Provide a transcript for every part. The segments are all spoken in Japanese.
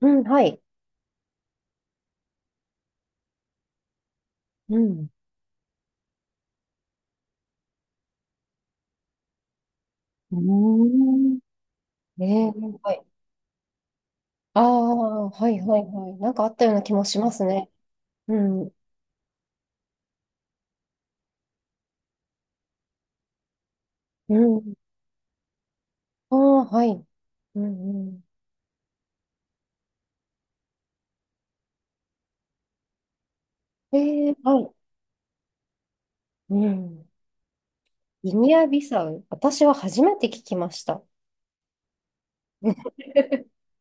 うん、はい。うん。ええ、はい。ああ、はいはいはい。なんかあったような気もしますね。うん。うん。ああ、はい。うんうん。ええ、はい。うん。ギニアビサウ。私は初めて聞きました。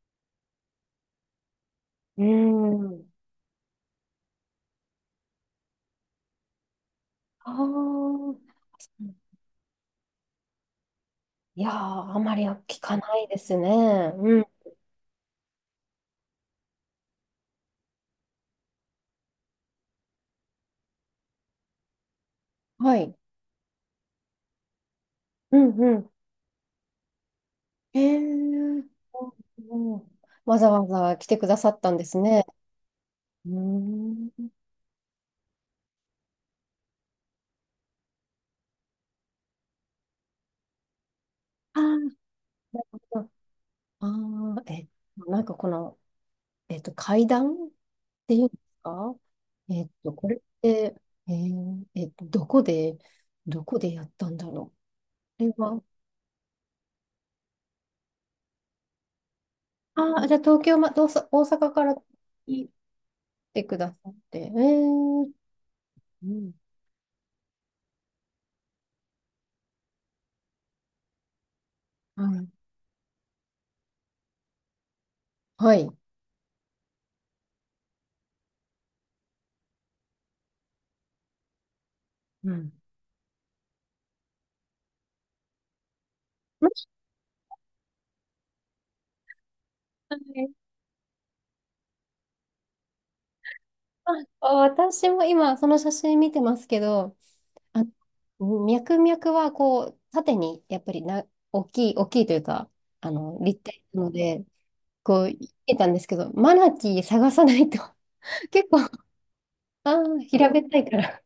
うん。ああ。いやー、あまり聞かないですね。うん。はい。うんうん。ええ。うん、わざわざ来てくださったんですね。うん。なるほど。ああ、え、なんかこの、階段っていうんですか？これって、どこで、どこでやったんだろう。これは、ああ、じゃあ東京ま、どうさ、大阪から来てくださって。うん、はい。はい。うん。はい、あ、私も今、その写真見てますけど、あ、脈々はこう、縦にやっぱりな、大きい、大きいというか、立体なので、こう、言えたんですけど、マナティー探さないと、結構、平べったいから。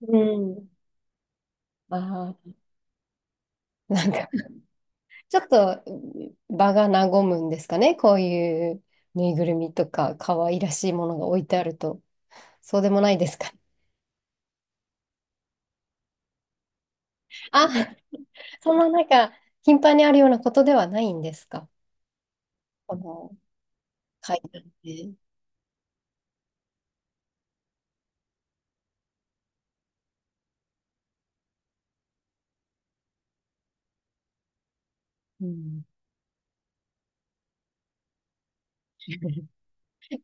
うん。ああ、なんか、ちょっと場が和むんですかね、こういうぬいぐるみとか、可愛らしいものが置いてあると、そうでもないですか。あ、そんななんか、頻繁にあるようなことではないんですか、この階段で。うん、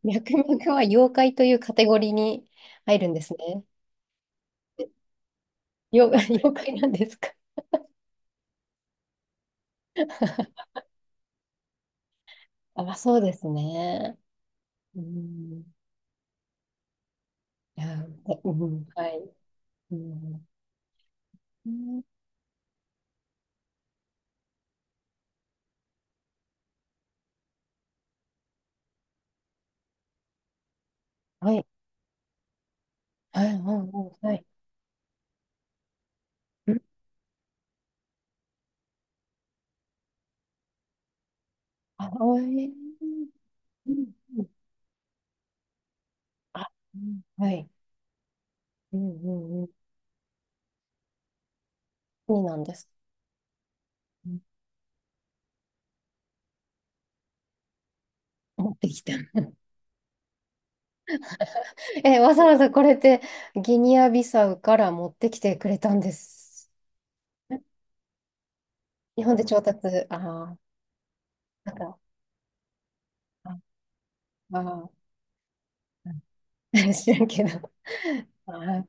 脈々は妖怪というカテゴリーに入るんですね。妖、妖怪なんですか？あ、そうですね。うん。いや、でうん、はい。うん、うん、はい。はい。うんうんはい。うん、あ、おい。うんうん、あ、うん、はい。うんうんうん。そうなんです。うん、持ってきた。え、わざわざこれってギニアビサウから持ってきてくれたんです。日本で調達。ああ、なんか、ああー。知らんけど。あー、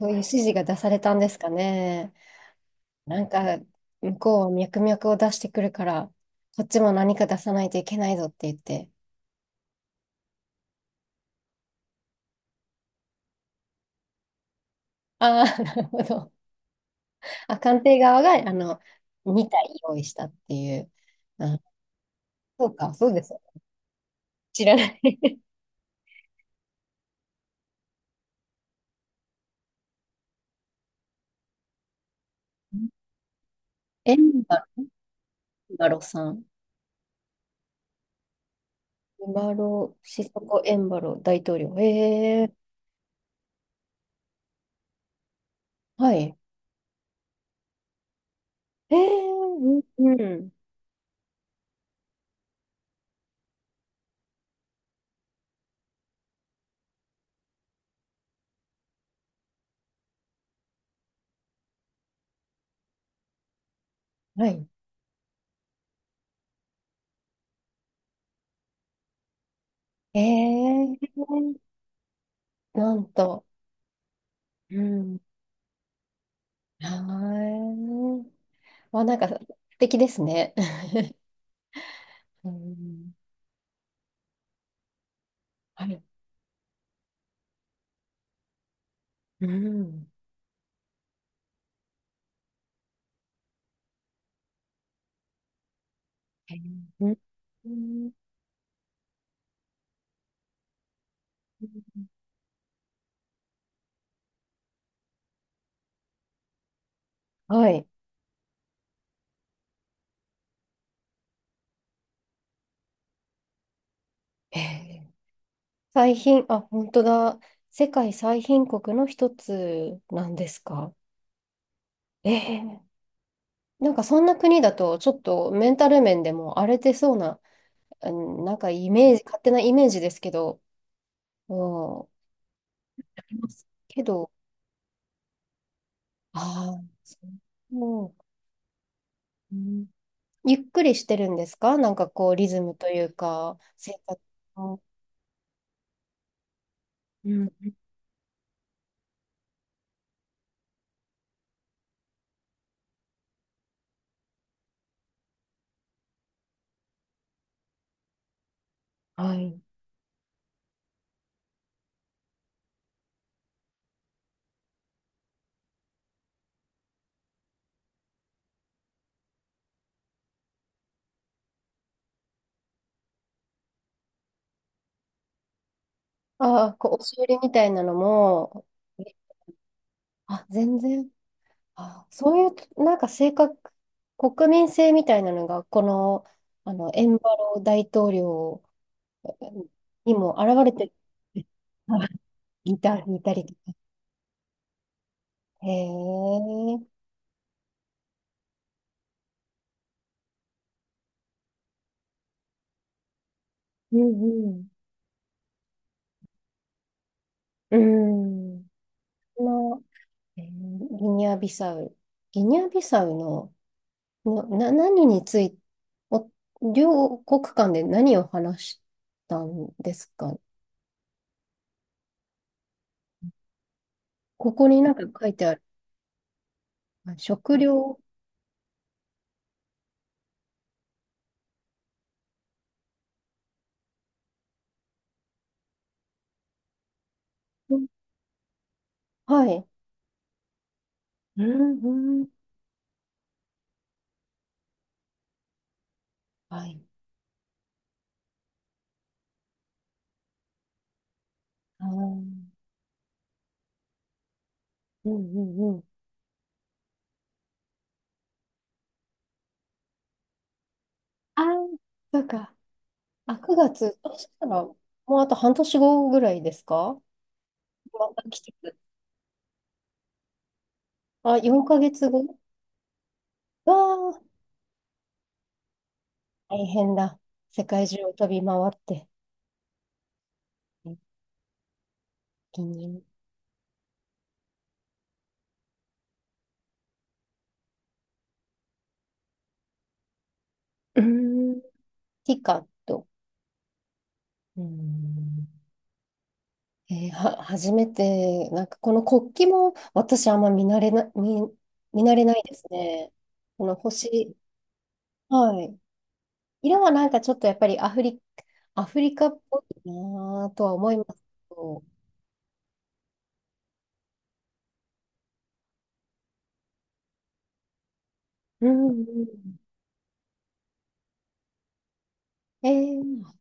そういう指示が出されたんですかね。なんか、向こうは脈々を出してくるから、こっちも何か出さないといけないぞって言って。ああ、なるほど。あ、官邸側が、2体用意したっていう。あ、そうか、そうです。知らない。エンバ、エンバロさん。エンバロ、シソコ・エンバロ大統領。ええ、はい。ええ、うん、うん、はい。えー、なんと。うん。はい。ま、なんか、素敵ですね。うん。はい。うん。へー、うん。はい。へえ、最貧、あ、本当だ。世界最貧国の一つなんですか。ええ、なんかそんな国だと、ちょっとメンタル面でも荒れてそうな、うん、なんかイメージ、勝手なイメージですけど、うん、ありますけど、ああ、そう。うん、ゆっくりしてるんですかなんかこう、リズムというか、生活の。うん。はい。ああ、こう、押し売りみたいなのも、え、あ、全然、あ、そういう、なんか性格、国民性みたいなのが、この、エンバロ大統領にも現れて、いたりとか。へえ。うんうん。うん。この、えーギニアビサウ。ギニアビサウの、何について、お、両国間で何を話したんですか？ここになんか書いてある。あ、食料。うん、はい。うんうん。はい。あー、うんうんうん。あー、そうか。あ、9月。そしたら、もうあと半年後ぐらいですか、また来てくる。あ、4ヶ月後。わあ、大変だ。世界中を飛び回って。一気に。うーん。ティカと。うーん、は、初めて、なんかこの国旗も私あんま見慣れないですね。この星、はい。色はなんかちょっとやっぱりアフリカっぽいなぁとは思いますけど。うんうん。えー、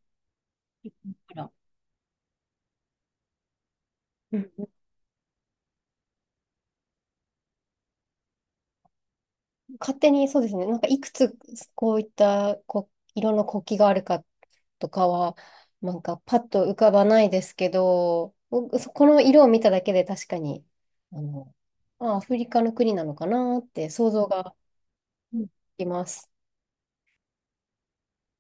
ほら。勝手にそうですね、なんかいくつこういったこ色の国旗があるかとかは、なんかパッと浮かばないですけど、僕そこの色を見ただけで確かに、あの、あ、アフリカの国なのかなって想像がうんできます。